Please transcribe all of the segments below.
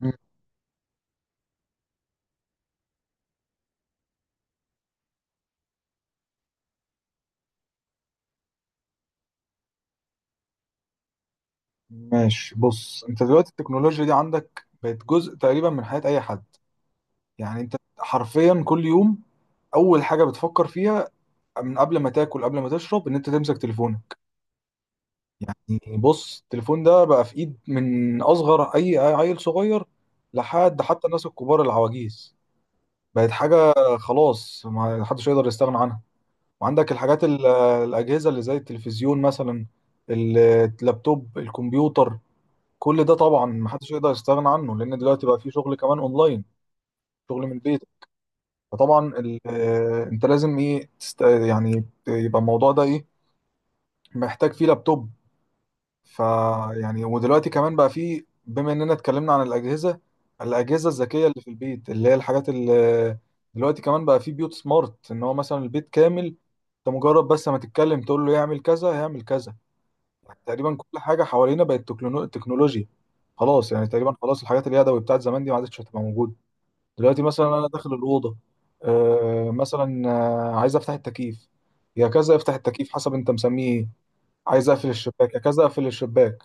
مم. ماشي، بص انت دلوقتي التكنولوجيا دي عندك بقت جزء تقريبا من حياة اي حد. يعني انت حرفيا كل يوم اول حاجة بتفكر فيها من قبل ما تاكل قبل ما تشرب ان انت تمسك تليفونك. يعني بص، التليفون ده بقى في ايد من اصغر اي عيل صغير لحد حتى الناس الكبار العواجيز. بقت حاجة خلاص ما حدش يقدر يستغنى عنها. وعندك الحاجات الاجهزة اللي زي التلفزيون مثلا، اللابتوب، الكمبيوتر. كل ده طبعا محدش يقدر يستغنى عنه لان دلوقتي بقى في شغل كمان اونلاين، شغل من البيت. فطبعا انت لازم ايه يعني يبقى الموضوع ده ايه، محتاج فيه لابتوب. فيعني ودلوقتي كمان بقى فيه، بما اننا اتكلمنا عن الاجهزه، الاجهزه الذكيه اللي في البيت، اللي هي الحاجات اللي دلوقتي كمان بقى فيه بيوت سمارت. ان هو مثلا البيت كامل انت مجرد بس ما تتكلم تقول له يعمل كذا هيعمل كذا. تقريبا كل حاجه حوالينا بقت تكنولوجيا. خلاص يعني تقريبا خلاص، الحاجات اليدوي بتاعت زمان دي ما عادتش هتبقى موجوده. دلوقتي مثلا انا داخل الاوضه، مثلا عايز افتح التكييف، يا كذا افتح التكييف حسب انت مسميه ايه. عايز اقفل الشباك، يا كذا اقفل الشباك.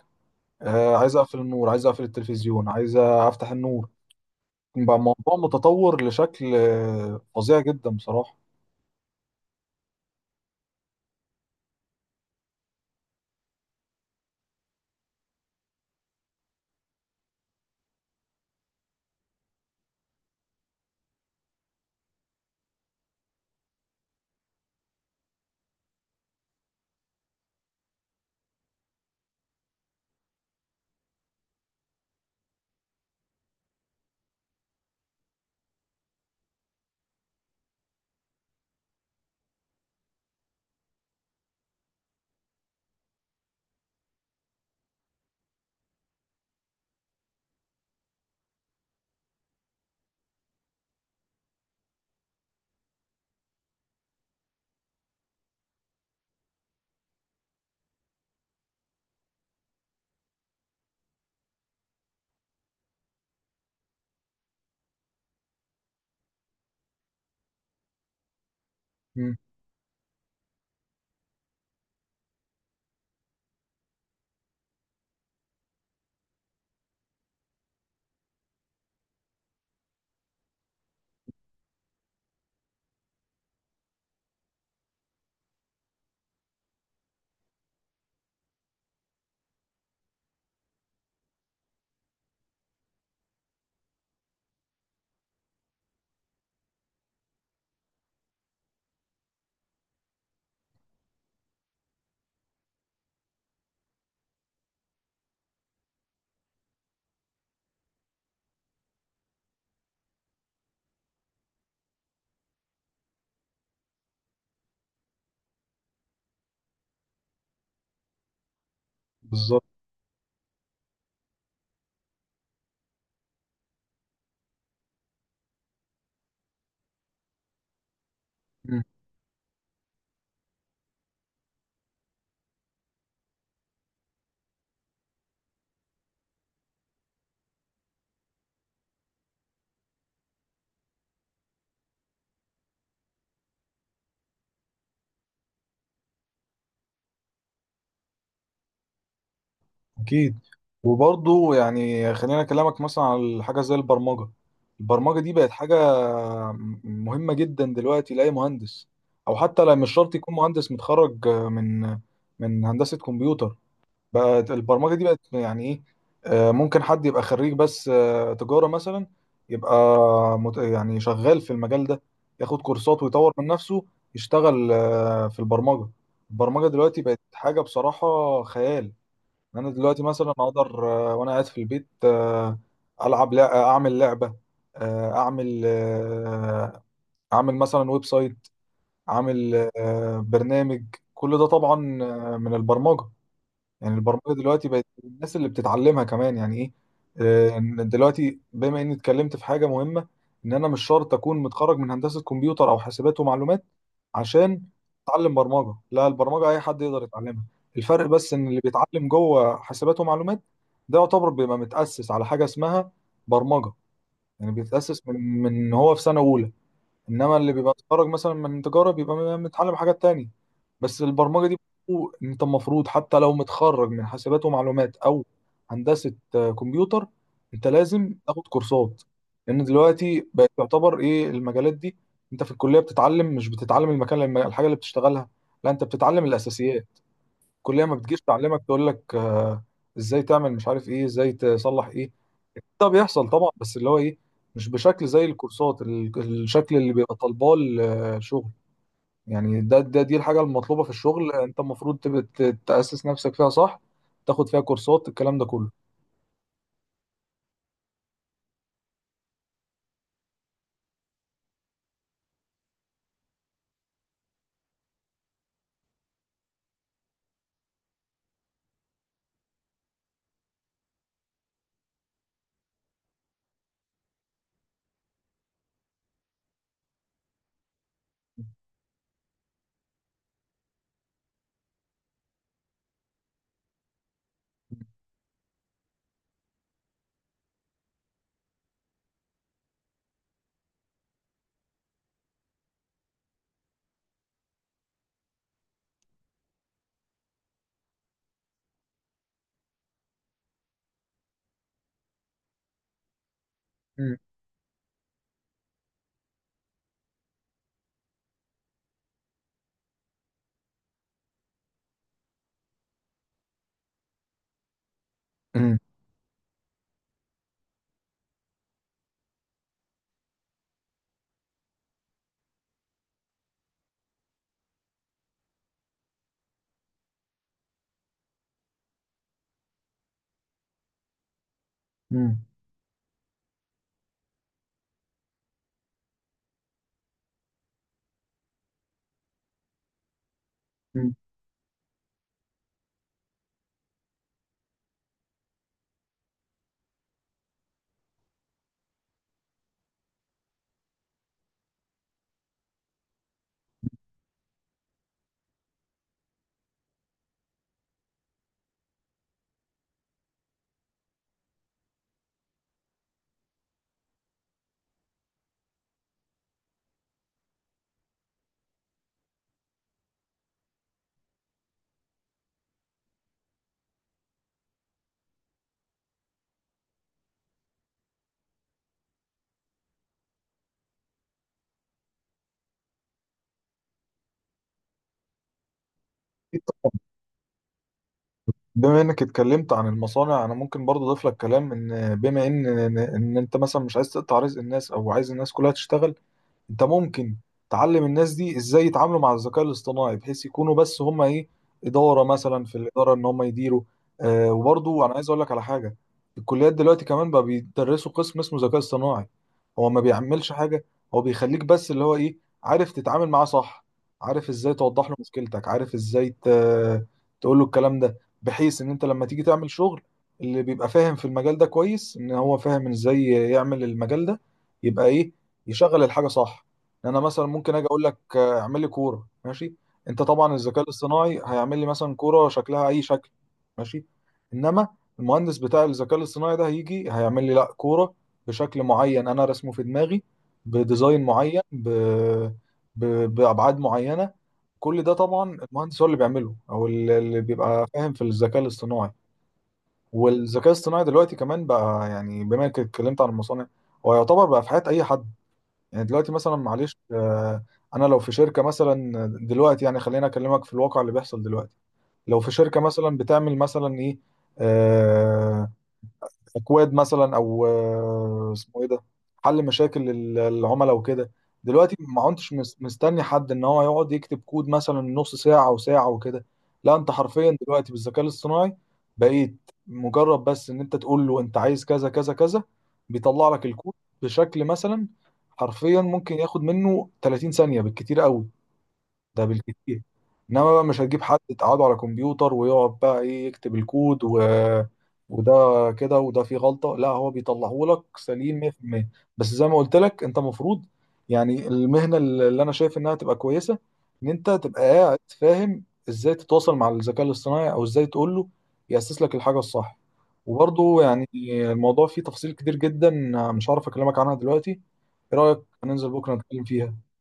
عايز اقفل النور، عايز اقفل التلفزيون، عايز افتح النور. بقى الموضوع متطور لشكل فظيع جدا بصراحه. مم، بالظبط. اكيد. وبرضه يعني خلينا اكلمك مثلا على حاجه زي البرمجه. البرمجه دي بقت حاجه مهمه جدا دلوقتي لاي مهندس، او حتى لا، مش شرط يكون مهندس متخرج من هندسه كمبيوتر. بقت البرمجه دي بقت يعني ايه، ممكن حد يبقى خريج بس تجاره مثلا. يبقى يعني شغال في المجال ده، ياخد كورسات ويطور من نفسه، يشتغل في البرمجه. البرمجه دلوقتي بقت حاجه بصراحه خيال. انا دلوقتي مثلا اقدر وانا قاعد في البيت العب اعمل لعبه، اعمل اعمل مثلا ويب سايت، اعمل برنامج. كل ده طبعا من البرمجه. يعني البرمجه دلوقتي بقت الناس اللي بتتعلمها كمان يعني ايه، إن دلوقتي بما اني اتكلمت في حاجه مهمه، ان انا مش شرط اكون متخرج من هندسه كمبيوتر او حاسبات ومعلومات عشان اتعلم برمجه. لا، البرمجه اي حد يقدر يتعلمها. الفرق بس ان اللي بيتعلم جوه حاسبات ومعلومات ده يعتبر بيبقى متاسس على حاجه اسمها برمجه. يعني بيتاسس من هو في سنه اولى. انما اللي بيبقى متخرج مثلا من تجاره بيبقى متعلم حاجات تانية. بس البرمجه دي برضو انت المفروض حتى لو متخرج من حاسبات ومعلومات او هندسه كمبيوتر، انت لازم تاخد كورسات، لان دلوقتي بقت تعتبر ايه المجالات دي. انت في الكليه بتتعلم، مش بتتعلم المكان، الحاجه اللي بتشتغلها، لا انت بتتعلم الاساسيات. الكليه ما بتجيش تعلمك تقول لك ازاي تعمل مش عارف ايه، ازاي تصلح ايه. ده بيحصل طبعا بس اللي هو ايه، مش بشكل زي الكورسات، الشكل اللي بيبقى طالباه الشغل. يعني ده, ده دي الحاجه المطلوبه في الشغل، انت المفروض تبقى تاسس نفسك فيها صح، تاخد فيها كورسات الكلام ده كله. مم. مم. مم. مم. بما انك اتكلمت عن المصانع، انا ممكن برضه اضيف لك كلام ان بما ان ان إن انت مثلا مش عايز تقطع رزق الناس او عايز الناس كلها تشتغل. انت ممكن تعلم الناس دي ازاي يتعاملوا مع الذكاء الاصطناعي بحيث يكونوا بس هم ايه، اداره مثلا، في الاداره ان هم يديروا. وبرضه انا عايز اقول لك على حاجه. الكليات دلوقتي كمان بقى بيدرسوا قسم اسمه ذكاء اصطناعي. هو ما بيعملش حاجه، هو بيخليك بس اللي هو ايه، عارف تتعامل معاه صح، عارف ازاي توضح له مشكلتك، عارف ازاي تقول له الكلام ده، بحيث ان انت لما تيجي تعمل شغل اللي بيبقى فاهم في المجال ده كويس ان هو فاهم ازاي يعمل المجال ده يبقى ايه، يشغل الحاجه صح. إن انا مثلا ممكن اجي اقول لك اعمل لي كوره ماشي. انت طبعا الذكاء الاصطناعي هيعمل لي مثلا كوره شكلها اي شكل ماشي. انما المهندس بتاع الذكاء الاصطناعي ده هيجي هيعمل لي لا كوره بشكل معين انا رسمه في دماغي، بديزاين معين، ب... بابعاد معينه. كل ده طبعا المهندس هو اللي بيعمله او اللي بيبقى فاهم في الذكاء الاصطناعي. والذكاء الاصطناعي دلوقتي كمان بقى، يعني بما انك اتكلمت عن المصانع، هو يعتبر بقى في حياة اي حد. يعني دلوقتي مثلا معلش انا لو في شركة مثلا دلوقتي، يعني خلينا اكلمك في الواقع اللي بيحصل دلوقتي، لو في شركة مثلا بتعمل مثلا ايه، آه، اكواد مثلا او اسمه ايه ده، حل مشاكل العملاء وكده. دلوقتي ما كنتش مستني حد ان هو يقعد يكتب كود مثلا نص ساعة وساعة وكده. لا انت حرفيا دلوقتي بالذكاء الاصطناعي بقيت مجرد بس ان انت تقول له انت عايز كذا كذا كذا، بيطلع لك الكود بشكل مثلا، حرفيا ممكن ياخد منه 30 ثانية بالكتير قوي. ده بالكتير. انما بقى مش هتجيب حد تقعده على كمبيوتر ويقعد بقى ايه يكتب الكود وده كده، وده فيه غلطة. لا، هو بيطلعه لك سليم 100%. بس زي ما قلت لك انت المفروض، يعني المهنة اللي انا شايف انها تبقى كويسة ان انت تبقى قاعد فاهم ازاي تتواصل مع الذكاء الاصطناعي او ازاي تقول له يأسس لك الحاجة الصح. وبرضه يعني الموضوع فيه تفاصيل كتير جدا، مش عارف اكلمك عنها دلوقتي. ايه رأيك ننزل بكرة نتكلم فيها؟